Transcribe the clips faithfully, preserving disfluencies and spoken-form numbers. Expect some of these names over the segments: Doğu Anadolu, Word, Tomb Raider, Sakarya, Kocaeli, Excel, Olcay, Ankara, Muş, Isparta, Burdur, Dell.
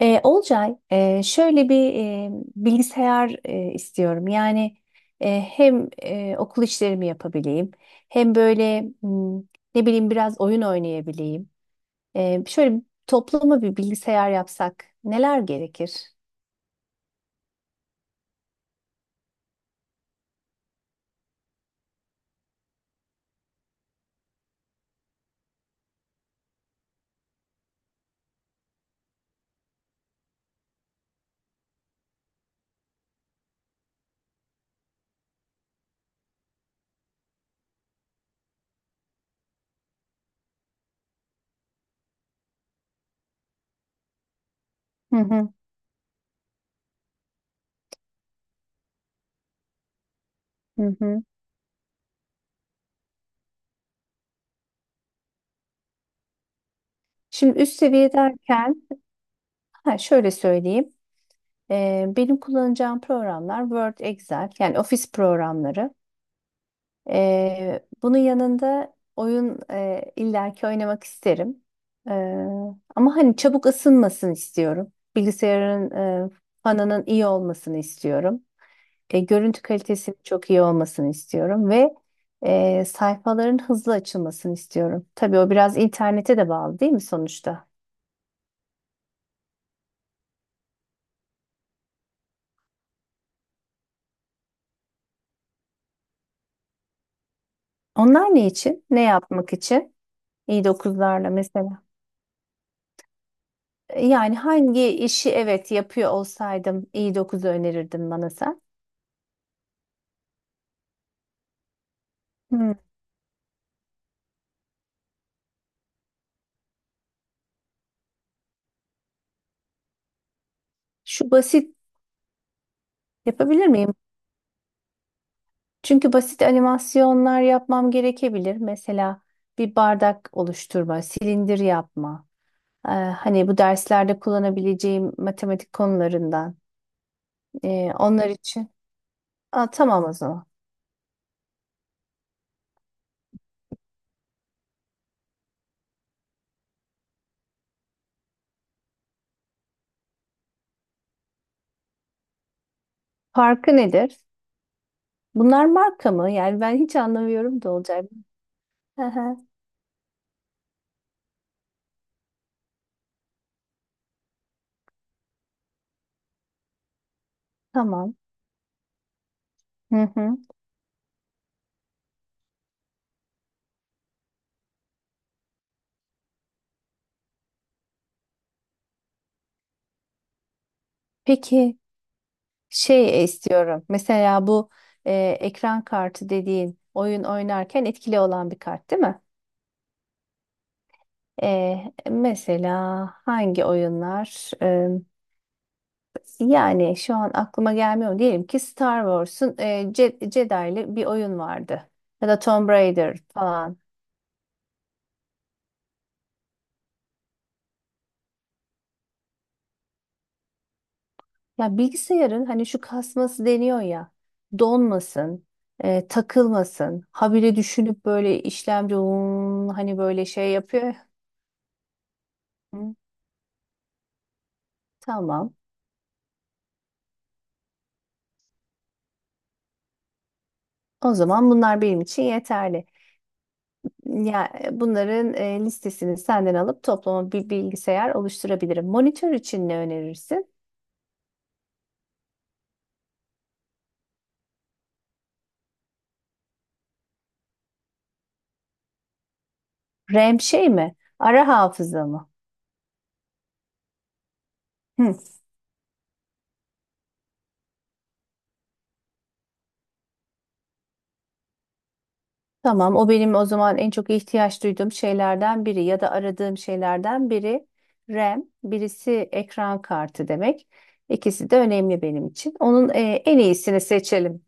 E, Olcay, e, şöyle bir e, bilgisayar e, istiyorum. Yani e, hem e, okul işlerimi yapabileyim, hem böyle m, ne bileyim biraz oyun oynayabileyim. E, şöyle toplama bir bilgisayar yapsak neler gerekir? Hı hı. Hı hı. Şimdi üst seviye derken ha, şöyle söyleyeyim. E, benim kullanacağım programlar Word, Excel, yani ofis programları. Ee, bunun yanında oyun e, illaki oynamak isterim. Ee, Ama hani çabuk ısınmasını istiyorum. Bilgisayarın e, fanının iyi olmasını istiyorum. E, görüntü kalitesinin çok iyi olmasını istiyorum ve e, sayfaların hızlı açılmasını istiyorum. Tabii o biraz internete de bağlı değil mi sonuçta? Onlar ne için? Ne yapmak için? i dokuzlarla mesela. E, Yani hangi işi evet yapıyor olsaydım i dokuzu önerirdin bana sen? Hmm. Şu basit yapabilir miyim? Çünkü basit animasyonlar yapmam gerekebilir. Mesela bir bardak oluşturma, silindir yapma. Ee, hani bu derslerde kullanabileceğim matematik konularından. Ee, onlar için. Aa, tamam o zaman. Farkı nedir? Bunlar marka mı? Yani ben hiç anlamıyorum da olacak. Hı hı. Tamam. Hı hı. Peki şey istiyorum. Mesela bu e, ekran kartı dediğin oyun oynarken etkili olan bir kart değil mi? E, Mesela hangi oyunlar? E, yani şu an aklıma gelmiyor. Diyelim ki Star Wars'un e, Ce- Jedi'li bir oyun vardı. Ya da Tomb Raider falan. Ya bilgisayarın hani şu kasması deniyor ya. Donmasın, e, takılmasın. Habire düşünüp böyle işlemci "Hmm," hani böyle şey yapıyor. Hı, tamam. O zaman bunlar benim için yeterli. Ya e, bunların e, listesini senden alıp toplama bir bilgisayar oluşturabilirim. Monitör için ne önerirsin? RAM şey mi? Ara hafıza mı? Hı. Tamam, o benim o zaman en çok ihtiyaç duyduğum şeylerden biri ya da aradığım şeylerden biri RAM, birisi ekran kartı demek. İkisi de önemli benim için. Onun e, en iyisini seçelim.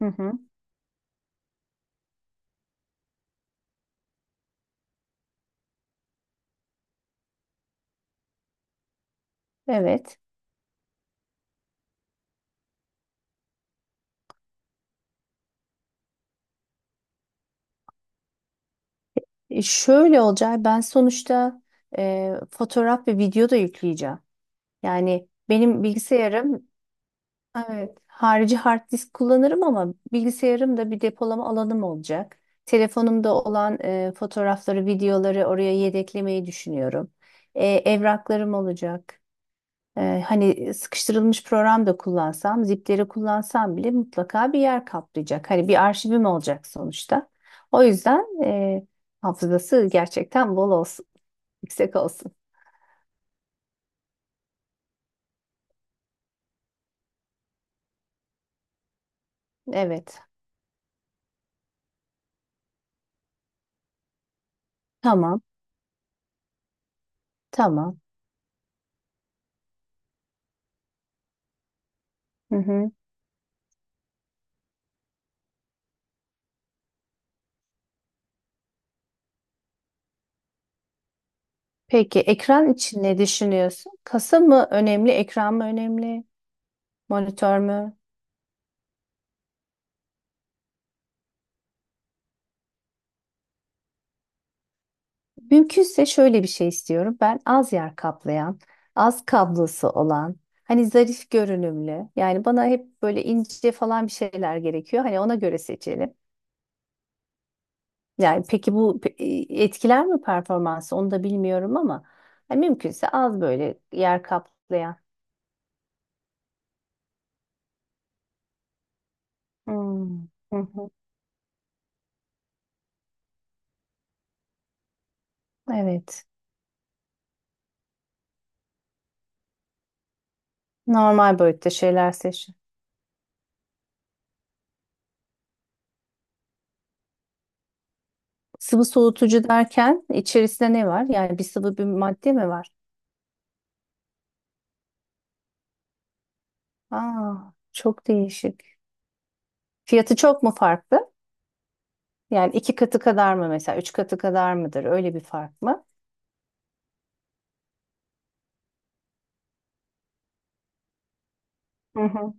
Hı hı. Evet. E, şöyle olacak. Ben sonuçta e, fotoğraf ve video da yükleyeceğim. Yani benim bilgisayarım, evet, harici hard disk kullanırım ama bilgisayarımda bir depolama alanım olacak. Telefonumda olan e, fotoğrafları, videoları oraya yedeklemeyi düşünüyorum. E, evraklarım olacak. E, hani sıkıştırılmış program da kullansam, zipleri kullansam bile mutlaka bir yer kaplayacak. Hani bir arşivim olacak sonuçta. O yüzden e, hafızası gerçekten bol olsun, yüksek olsun. Evet. Tamam. Tamam. Hı hı. Peki ekran için ne düşünüyorsun? Kasa mı önemli, ekran mı önemli, monitör mü? Mümkünse şöyle bir şey istiyorum. Ben az yer kaplayan, az kablosu olan, hani zarif görünümlü. Yani bana hep böyle ince falan bir şeyler gerekiyor. Hani ona göre seçelim. Yani peki bu pe- e, etkiler mi performansı onu da bilmiyorum ama yani mümkünse az böyle yer kaplayan. Hmm. Hı hı. Evet. Normal boyutta şeyler seçin. Sıvı soğutucu derken içerisinde ne var? Yani bir sıvı bir madde mi var? Aa, çok değişik. Fiyatı çok mu farklı? Yani iki katı kadar mı mesela? Üç katı kadar mıdır? Öyle bir fark mı? Hı hı.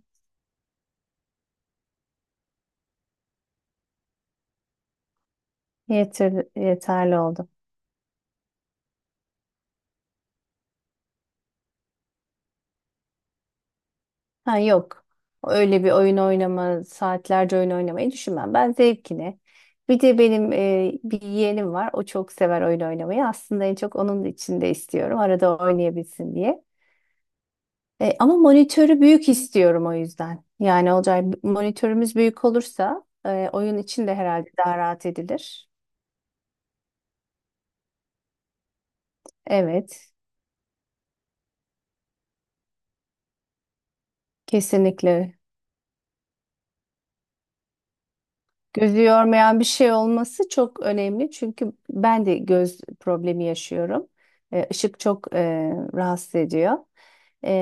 Yeter, yeterli oldu. Ha yok. Öyle bir oyun oynama, saatlerce oyun oynamayı düşünmem. Ben zevkine. Bir de benim e, bir yeğenim var. O çok sever oyun oynamayı. Aslında en çok onun için de istiyorum. Arada oynayabilsin diye. E, ama monitörü büyük istiyorum o yüzden. Yani olacak monitörümüz büyük olursa e, oyun için de herhalde daha rahat edilir. Evet, kesinlikle. Gözü yormayan bir şey olması çok önemli. Çünkü ben de göz problemi yaşıyorum. Ee, ışık çok e, rahatsız ediyor. Ee,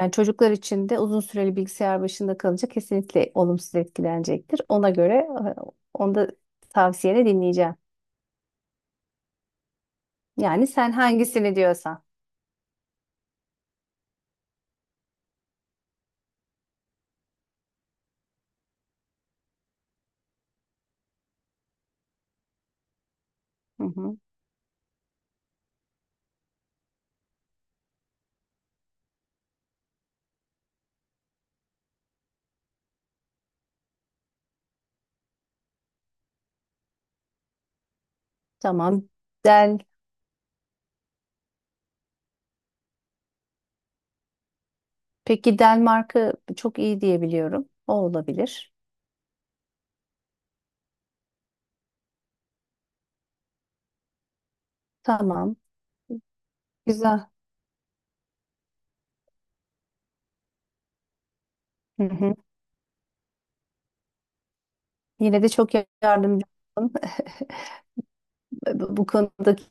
Yani çocuklar için de uzun süreli bilgisayar başında kalınca kesinlikle olumsuz etkilenecektir. Ona göre e, onu da tavsiyeni dinleyeceğim. Yani sen hangisini diyorsan. Hı hı. Tamam. Del. Peki Dell marka çok iyi diyebiliyorum. O olabilir. Tamam. Güzel. Hı hı. Yine de çok yardımcı oldun. Bu konudaki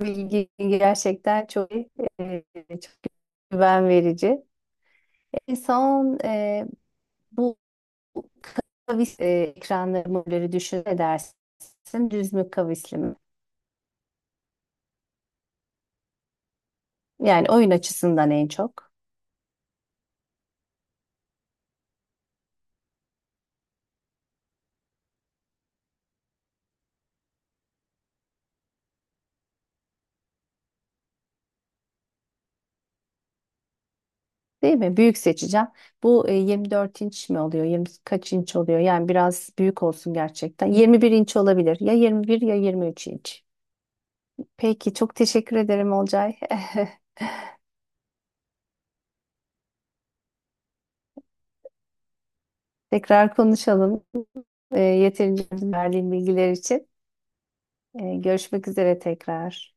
bilgi gerçekten çok e, çok güven verici. En son e, bu kavis e, ekranları modelleri düşün edersin düz mü kavisli mi? Yani oyun açısından en çok değil mi? Büyük seçeceğim. Bu e, yirmi dört inç mi oluyor? yirmi kaç inç oluyor? Yani biraz büyük olsun gerçekten. yirmi bir inç olabilir. Ya yirmi bir ya yirmi üç inç. Peki çok teşekkür ederim, Olcay. Tekrar konuşalım. Ee, yeterince verdiğim bilgiler için. Ee, görüşmek üzere tekrar.